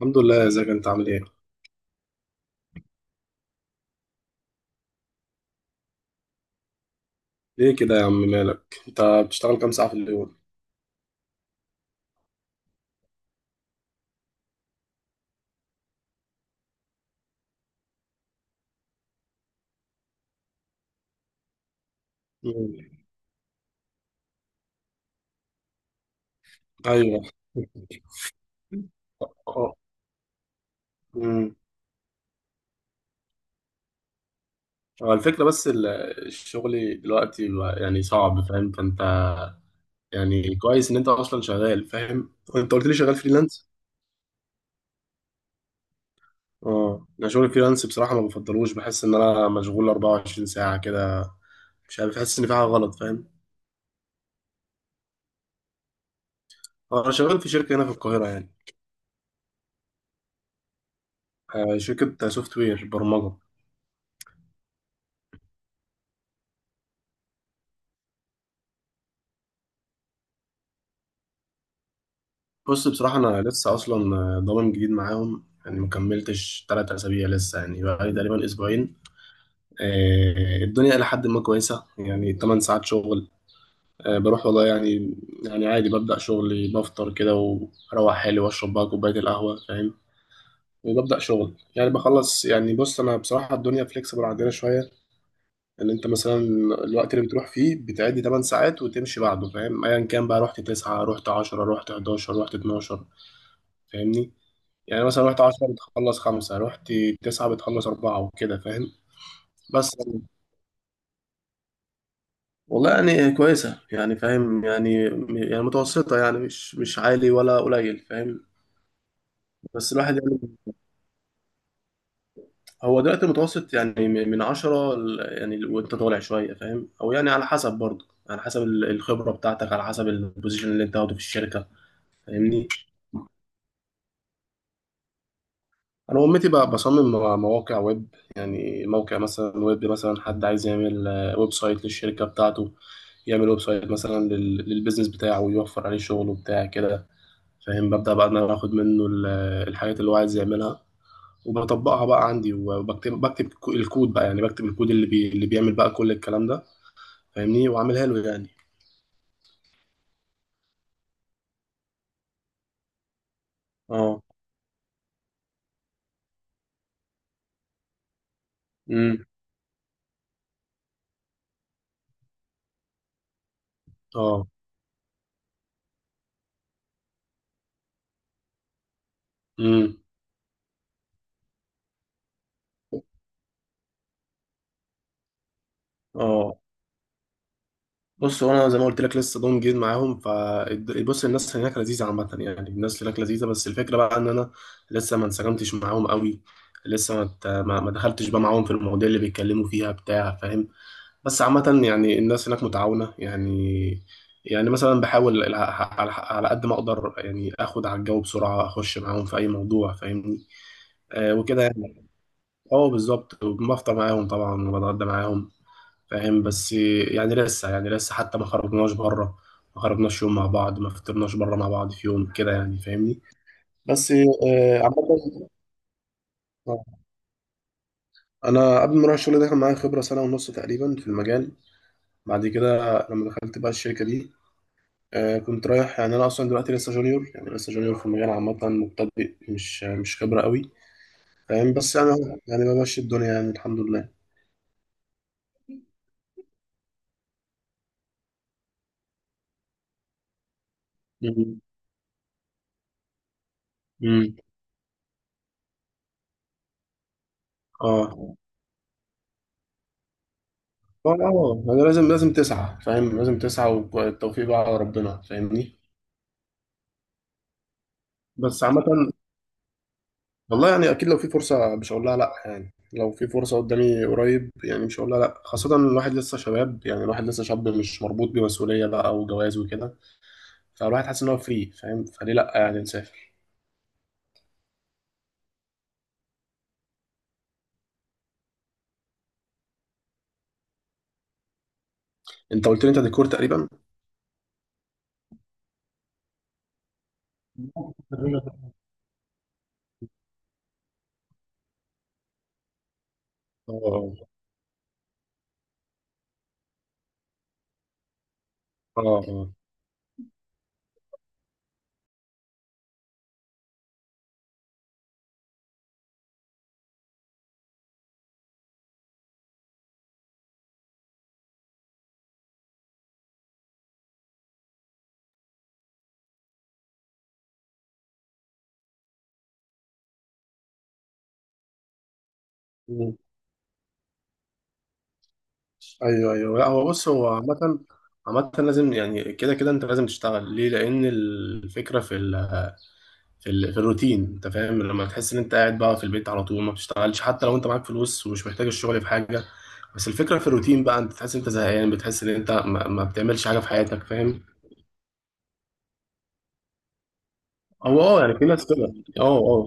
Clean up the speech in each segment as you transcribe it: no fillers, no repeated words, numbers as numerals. الحمد لله، ازيك انت عامل ايه؟ ليه كده يا عم مالك؟ انت بتشتغل كام ساعة في اليوم؟ مم. ايوه. اه. مم. هو الفكرة بس الشغل دلوقتي بقى يعني صعب فاهم؟ فانت يعني كويس ان انت اصلا شغال، فاهم؟ انت قلت لي شغال فريلانس؟ اه، انا شغل فريلانس بصراحة ما بفضلوش، بحس ان انا مشغول 24 ساعة كده، مش عارف، بحس ان في حاجة غلط، فاهم؟ انا شغال في شركة هنا في القاهرة يعني، شركة سوفت وير، برمجة. بص بصراحة أنا لسه أصلا ضامن جديد معاهم، يعني مكملتش تلات أسابيع لسه، يعني بقالي تقريبا أسبوعين. الدنيا إلى حد ما كويسة، يعني تمن ساعات شغل. بروح والله يعني، يعني عادي ببدأ شغلي، بفطر كده وأروح حالي وأشرب بقى كوباية القهوة، فاهم؟ وببدأ شغل، يعني بخلص يعني. بص أنا بصراحة الدنيا فليكسبل عندنا شوية، إن أنت مثلا الوقت اللي بتروح فيه بتعدي تمن ساعات وتمشي بعده، فاهم؟ أيا كان، بقى رحت تسعة، رحت عشرة، رحت حداشر، رحت اتناشر، فاهمني؟ يعني مثلا رحت 10 بتخلص خمسة، رحت 9 بتخلص أربعة، وكده فاهم. بس والله يعني كويسة يعني، فاهم يعني، يعني متوسطة يعني، مش مش عالي ولا قليل، فاهم. بس الواحد يعني، هو دلوقتي المتوسط يعني من عشرة يعني وانت طالع شوية، فاهم؟ أو يعني على حسب برضه، على حسب الخبرة بتاعتك، على حسب البوزيشن اللي انت واخده في الشركة، فاهمني؟ انا امتي بقى بصمم مواقع ويب، يعني موقع مثلا ويب، مثلا حد عايز يعمل ويب سايت للشركه بتاعته، يعمل ويب سايت مثلا للبيزنس بتاعه، ويوفر عليه شغل وبتاع كده، فاهم. ببدا بقى ان انا اخد منه الحاجات اللي هو عايز يعملها، وبطبقها بقى عندي، وبكتب الكود بقى، يعني بكتب الكود اللي اللي بيعمل بقى كل الكلام ده، فاهمني، واعملها له يعني. اه. امم اه. امم اه بص، هو انا زي ما قلت لك لسه ضم جديد معاهم، ف بص، الناس هناك لذيذه عامه، يعني الناس هناك لذيذه، بس الفكره بقى ان انا لسه ما انسجمتش معاهم قوي، لسه ما ت- ما ما دخلتش بقى معاهم في المواضيع اللي بيتكلموا فيها بتاع، فاهم. بس عامه يعني الناس هناك متعاونه يعني، يعني مثلا بحاول على قد ما اقدر يعني اخد على الجو بسرعه، اخش معاهم في اي موضوع، فاهمني. آه وكده يعني. اه بالظبط، بفطر معاهم طبعا، وبتغدى معاهم، فاهم. بس يعني لسه، يعني لسه حتى ما خرجناش بره، ما خرجناش يوم مع بعض، ما فطرناش بره مع بعض في يوم كده يعني، فاهمني. بس عامة. آه، انا قبل ما اروح الشغل ده كان معايا خبرة سنة ونص تقريبا في المجال. بعد كده لما دخلت بقى الشركة دي، كنت رايح يعني، انا اصلا دلوقتي لسه جونيور، يعني لسه جونيور في المجال عامة، مبتدئ، مش مش خبرة قوي، فاهم. بس يعني، يعني بمشي الدنيا يعني، الحمد لله. مم. مم. اه. اه. انا لازم، لازم تسعى فاهم، لازم تسعى، والتوفيق بقى على ربنا، فاهمني. بس عامة والله يعني اكيد لو في فرصة مش هقول لها لا، يعني لو في فرصة قدامي قريب يعني مش هقول لها لا، خاصة إن الواحد لسه شباب، يعني الواحد لسه شاب، مش مربوط بمسؤولية بقى وجواز وكده، فالواحد حاسس ان هو فري، فاهم؟ فليه لا، يعني نسافر. انت قلت لي انت ديكور تقريبا. اه. اه. اه. مم. ايوه، ايوه، لا، هو بص هو عامة، عامة لازم، يعني كده كده انت لازم تشتغل ليه؟ لأن الفكرة في ال، في الروتين انت فاهم، لما تحس ان انت قاعد بقى في البيت على طول، ما بتشتغلش حتى لو انت معاك فلوس ومش محتاج الشغل في حاجه، بس الفكره في الروتين بقى، انت تحس ان انت زهقان، بتحس ان انت ما بتعملش حاجه في حياتك، فاهم. او اه، يعني في ناس كده. اه. اه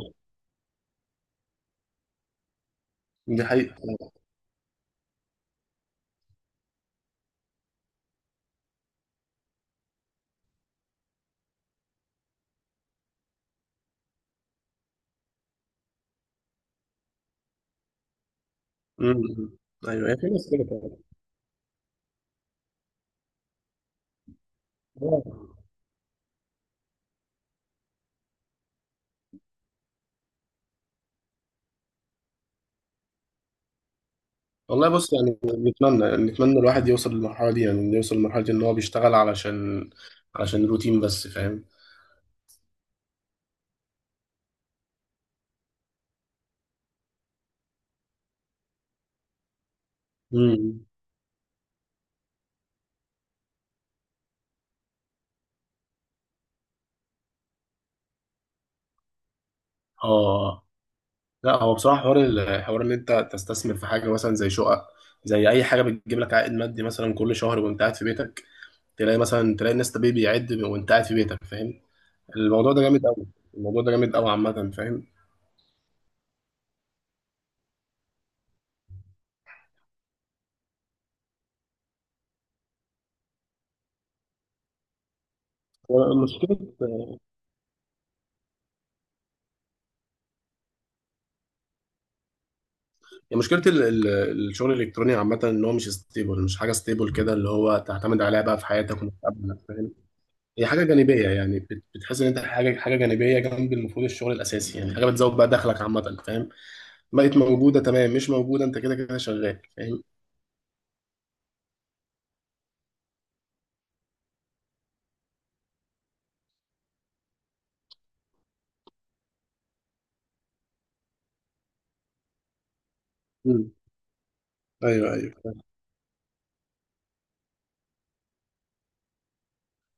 دي حقيقه، امم إمم. ايوه هي في ناس كده فعلا. آه. والله بص يعني، نتمنى نتمنى الواحد يوصل للمرحله دي، يعني إنه يوصل لمرحله ان هو بيشتغل علشان علشان روتين بس، فاهم. امم اه لا، هو بصراحة حوار، الحوار ان انت تستثمر في حاجة مثلا زي شقق، زي اي حاجة بتجيب لك عائد مادي مثلا كل شهر وانت قاعد في بيتك، تلاقي مثلا، تلاقي الناس طبيعي بيعد وانت قاعد في بيتك، فاهم. الموضوع ده جامد قوي، الموضوع ده جامد قوي عامة، فاهم. هو مشكلة، هي مشكلة الشغل الالكتروني عامة، ان هو مش ستيبل، مش حاجة ستيبل كده اللي هو تعتمد عليها بقى في حياتك ومستقبلك، فاهم. هي حاجة جانبية، يعني بتحس ان انت حاجة، حاجة جانبية جنب المفروض الشغل الاساسي، يعني حاجة بتزود بقى دخلك عامة، فاهم. بقت موجودة تمام، مش موجودة انت كده كده شغال، فاهم. مم. ايوه، ايوه،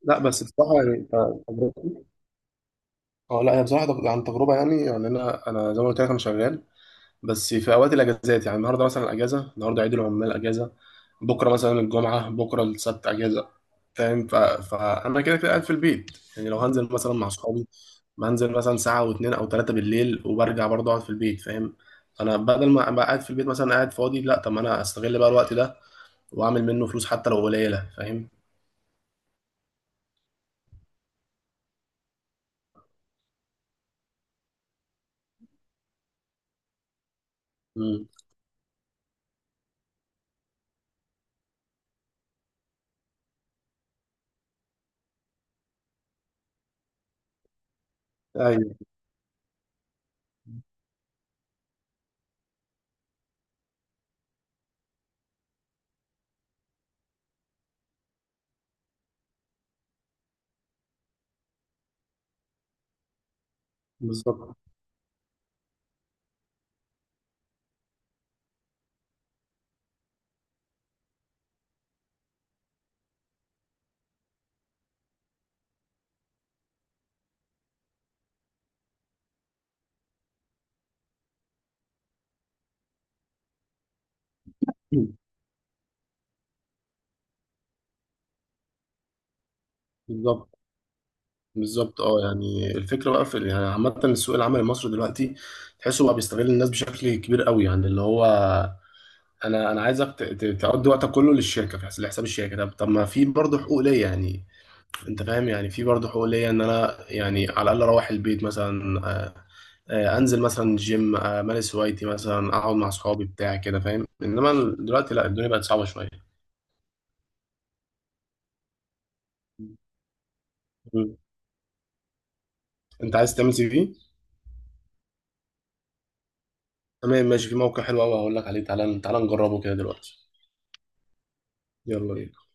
لا بس بصراحة يعني تجربتي، اه لا، هي بصراحة عن تجربة يعني، يعني انا، انا زي ما قلت لك انا شغال، بس في اوقات الاجازات، يعني النهارده مثلا اجازة، النهارده عيد العمال اجازة، بكرة مثلا الجمعة، بكرة السبت اجازة، فاهم. فانا كده كده قاعد في البيت، يعني لو هنزل مثلا مع اصحابي، بنزل مثلا ساعة واتنين او تلاتة بالليل، وبرجع برضه اقعد في البيت، فاهم. انا بدل ما ابقى قاعد في البيت مثلا قاعد فاضي، لا طب ما انا استغل بقى الوقت ده واعمل منه فلوس حتى لو قليله، فاهم. امم ايوه، بالظبط. بالظبط. بالظبط اه، يعني الفكره بقى في، يعني عامه السوق العمل المصري دلوقتي، تحسه بقى بيستغل الناس بشكل كبير قوي، يعني اللي هو انا، انا عايزك تقضي وقتك كله للشركه في لحساب الشركه، طب طب ما في برضه حقوق ليا يعني، انت فاهم يعني، في برضه حقوق ليا ان انا يعني على الاقل اروح البيت مثلا، انزل مثلا جيم، امارس هوايتي، مثلا اقعد مع اصحابي بتاع كده، فاهم. انما دلوقتي لا، الدنيا بقت صعبه شويه. انت عايز تعمل سي في؟ تمام ماشي، في موقع حلو قوي هقول لك عليه، تعالى تعالى نجربه كده دلوقتي. يلا بينا.